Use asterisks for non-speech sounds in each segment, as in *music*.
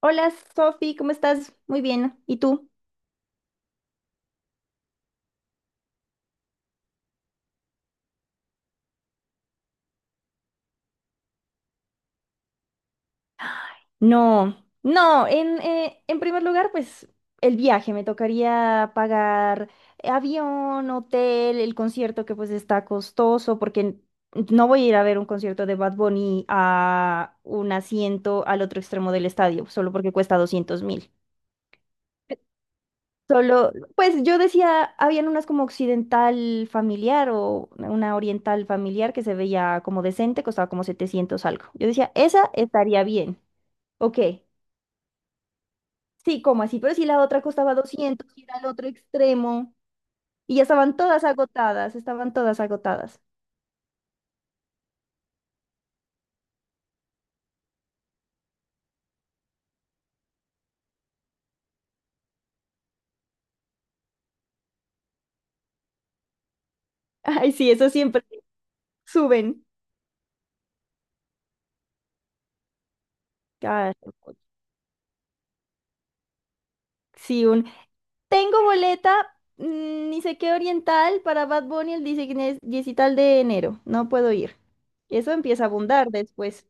Hola Sofi, ¿cómo estás? Muy bien. ¿Y tú? No, no, en primer lugar, pues el viaje, me tocaría pagar avión, hotel, el concierto, que pues está costoso, porque no voy a ir a ver un concierto de Bad Bunny a un asiento al otro extremo del estadio, solo porque cuesta 200.000. Solo, pues yo decía, habían unas como occidental familiar o una oriental familiar que se veía como decente, costaba como 700 algo. Yo decía, esa estaría bien. Ok, sí, como así, pero si la otra costaba 200 y era el otro extremo, y ya estaban todas agotadas, estaban todas agotadas. *laughs* Ay, sí, eso siempre suben. Ah, sí, tengo boleta, ni sé qué oriental para Bad Bunny el 19 diecital de enero. No puedo ir. Eso empieza a abundar después.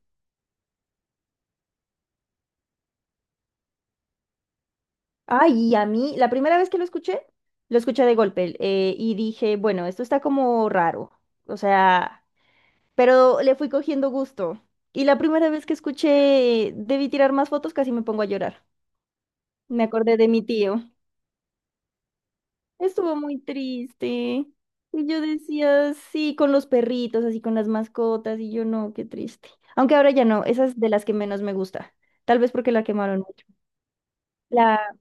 Ay, y a mí, la primera vez que lo escuché de golpe, y dije, bueno, esto está como raro. O sea, pero le fui cogiendo gusto. Y la primera vez que escuché, debí tirar más fotos, casi me pongo a llorar. Me acordé de mi tío. Estuvo muy triste. Y yo decía, sí, con los perritos, así con las mascotas, y yo no, qué triste. Aunque ahora ya no, esa es de las que menos me gusta. Tal vez porque la quemaron mucho. La,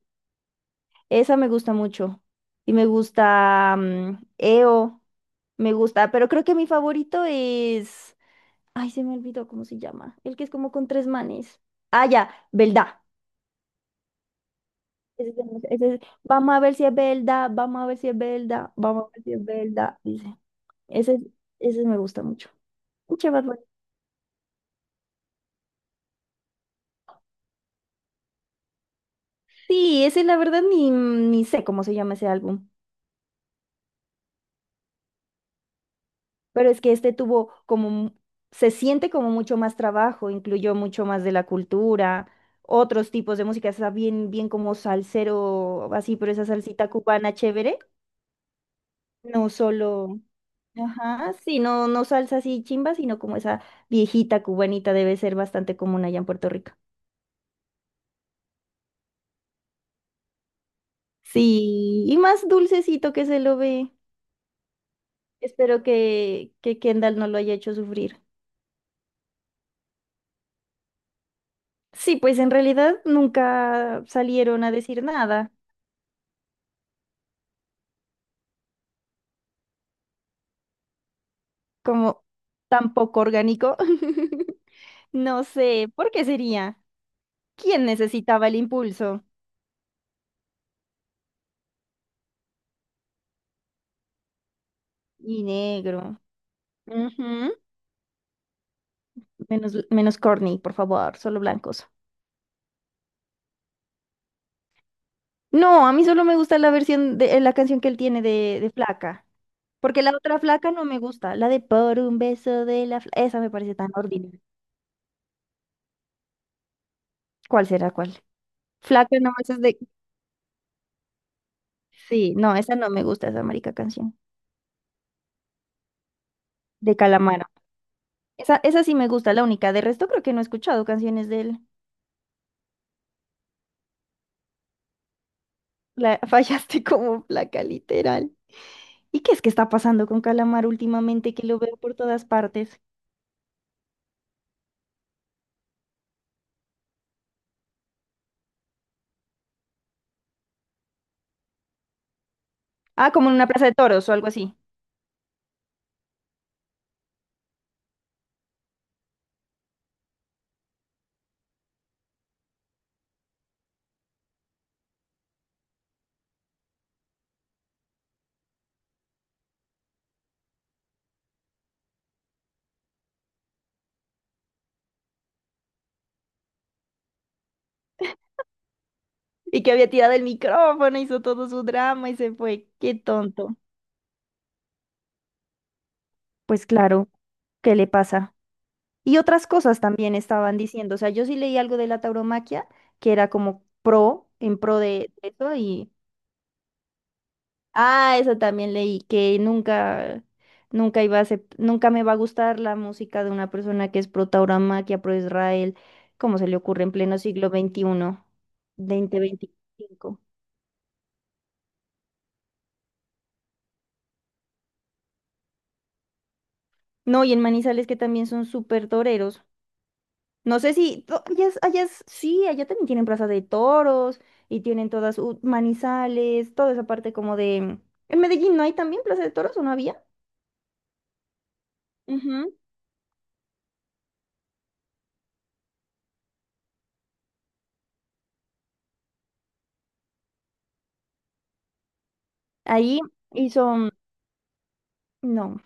Esa me gusta mucho. Y me gusta, EO, me gusta, pero creo que mi favorito es... Ay, se me olvidó cómo se llama. El que es como con tres manes. Ah, ya, Belda. Ese es el- ese es- Vamos a ver si es verdad, vamos a ver si es verdad, vamos a ver si es verdad, dice. Ese, ese me gusta mucho. Escucha, Bad Bunny. Sí, ese la verdad ni sé cómo se llama ese álbum, pero es que este tuvo como, se siente como mucho más trabajo, incluyó mucho más de la cultura, otros tipos de música. Está bien, bien como salsero, así, pero esa salsita cubana chévere. No solo, ajá, sí, no, no salsa así chimba, sino como esa viejita cubanita debe ser bastante común allá en Puerto Rico. Sí, y más dulcecito que se lo ve. Espero que Kendall no lo haya hecho sufrir. Sí, pues en realidad nunca salieron a decir nada, como tan poco orgánico. *laughs* No sé, ¿por qué sería? ¿Quién necesitaba el impulso? Y negro. Ujú. Menos, menos corny, por favor, solo blancos. No, a mí solo me gusta la versión de, la canción que él tiene de, Flaca. Porque la otra Flaca no me gusta. La de por un beso de la Flaca. Esa me parece tan ordinaria. ¿Cuál será cuál? Flaca nomás es de... Sí, no, esa no me gusta, esa marica canción. De Calamaro. Esa sí me gusta, la única. De resto creo que no he escuchado canciones de él. *laughs* Fallaste como Flaca, literal. ¿Y qué es que está pasando con Calamaro últimamente que lo veo por todas partes? Ah, como en una plaza de toros o algo así. Y que había tirado el micrófono, hizo todo su drama y se fue. Qué tonto. Pues claro, ¿qué le pasa? Y otras cosas también estaban diciendo. O sea, yo sí leí algo de la tauromaquia, que era como pro, en pro de eso y... Ah, eso también leí, que nunca me va a gustar la música de una persona que es pro tauromaquia, pro Israel. Cómo se le ocurre en pleno siglo veintiuno, XXI, veinticinco. No, y en Manizales que también son súper toreros. No sé si allá, sí, allá también tienen plaza de toros y tienen todas, manizales, toda esa parte como de... En Medellín no hay también plaza de toros, ¿o no había? Ujú. Ahí hizo, no,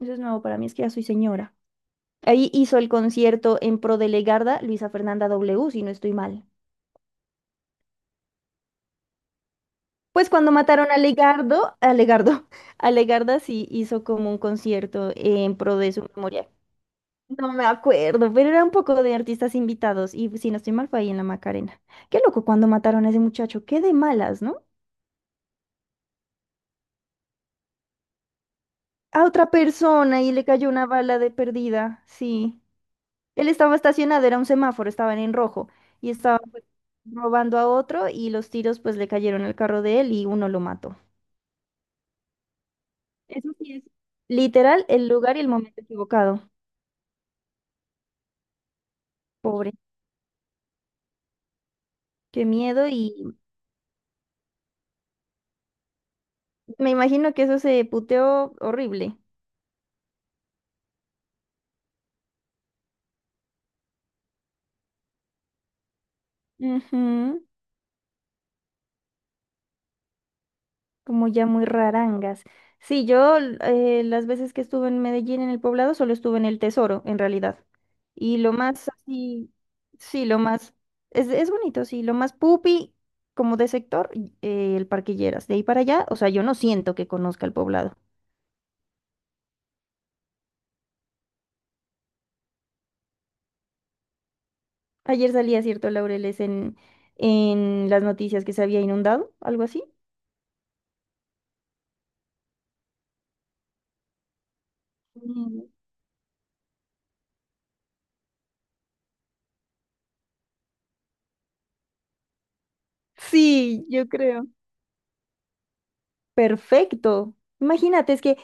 eso es nuevo para mí, es que ya soy señora. Ahí hizo el concierto en pro de Legarda, Luisa Fernanda W, si no estoy mal. Pues cuando mataron a Legardo, *laughs* a Legarda sí hizo como un concierto en pro de su memoria. No me acuerdo, pero era un poco de artistas invitados, y si no estoy mal fue ahí en la Macarena. Qué loco cuando mataron a ese muchacho, qué de malas, ¿no? A otra persona y le cayó una bala de perdida, sí. Él estaba estacionado, era un semáforo, estaban en rojo y estaba pues, robando a otro, y los tiros pues le cayeron al carro de él y uno lo mató. Eso sí es literal el lugar y el momento equivocado. Pobre, qué miedo, y me imagino que eso se puteó horrible. Ujú. Como ya muy rarangas. Sí, yo las veces que estuve en Medellín, en el poblado, solo estuve en el Tesoro, en realidad. Y lo más así, sí, lo más, es bonito, sí, lo más pupi, como de sector, el Parquilleras. De ahí para allá, o sea, yo no siento que conozca el poblado. Ayer salía, cierto, Laureles, en las noticias, que se había inundado, algo así. Mm. Sí, yo creo. Perfecto. Imagínate, es que...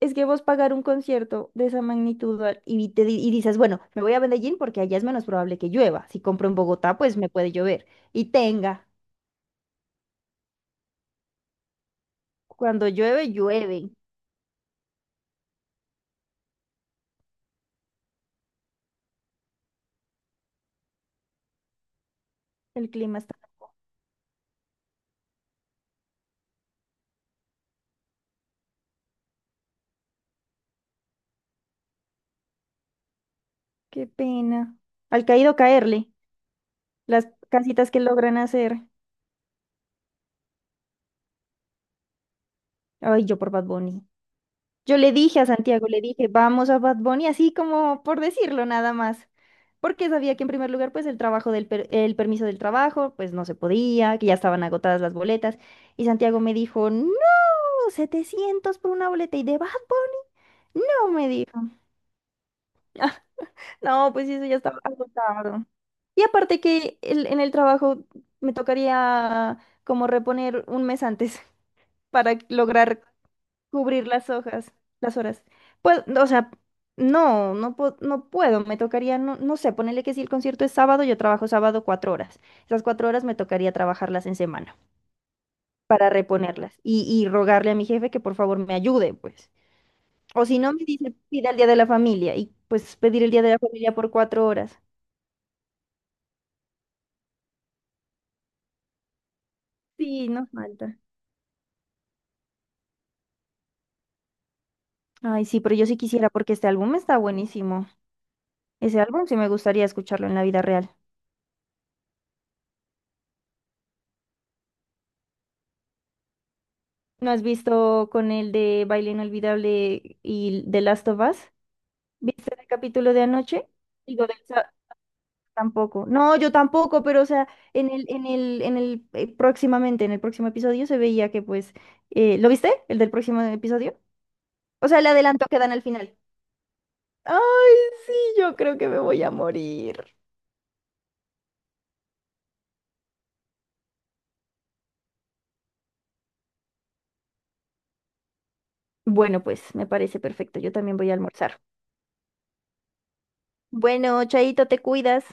Es que vos pagar un concierto de esa magnitud, y dices, bueno, me voy a Medellín porque allá es menos probable que llueva. Si compro en Bogotá, pues me puede llover. Y tenga, cuando llueve, llueve. El clima está... Qué pena. Al caído caerle, las casitas que logran hacer. Ay, yo por Bad Bunny. Yo le dije a Santiago, le dije, vamos a Bad Bunny, así como por decirlo nada más. Porque sabía que en primer lugar, pues el trabajo, el permiso del trabajo, pues no se podía, que ya estaban agotadas las boletas. Y Santiago me dijo, no. 700 por una boleta y de Bad Bunny, no, me dijo. Ah, *laughs* No, pues sí, eso ya estaba agotado. Y aparte que en el trabajo me tocaría como reponer un mes antes *laughs* para lograr cubrir las hojas, las horas. Pues, o sea, no, no, no puedo, me tocaría, no, no sé, ponerle que si el concierto es sábado, yo trabajo sábado 4 horas. Esas 4 horas me tocaría trabajarlas en semana para reponerlas y rogarle a mi jefe que por favor me ayude, pues. O si no, me dice, pida el día de la familia, y pues pedir el día de la familia por 4 horas. Sí, no falta. Ay, sí, pero yo sí quisiera porque este álbum está buenísimo. Ese álbum sí me gustaría escucharlo en la vida real. ¿No has visto con el de Baile Inolvidable y The Last of Us? ¿Viste el capítulo de anoche? Digo, tampoco. No, yo tampoco, pero o sea, próximamente, en el próximo episodio se veía que pues, ¿lo viste? ¿El del próximo episodio? O sea, el adelanto que dan al final. Ay, sí, yo creo que me voy a morir. Bueno, pues me parece perfecto. Yo también voy a almorzar. Bueno, Chaito, te cuidas.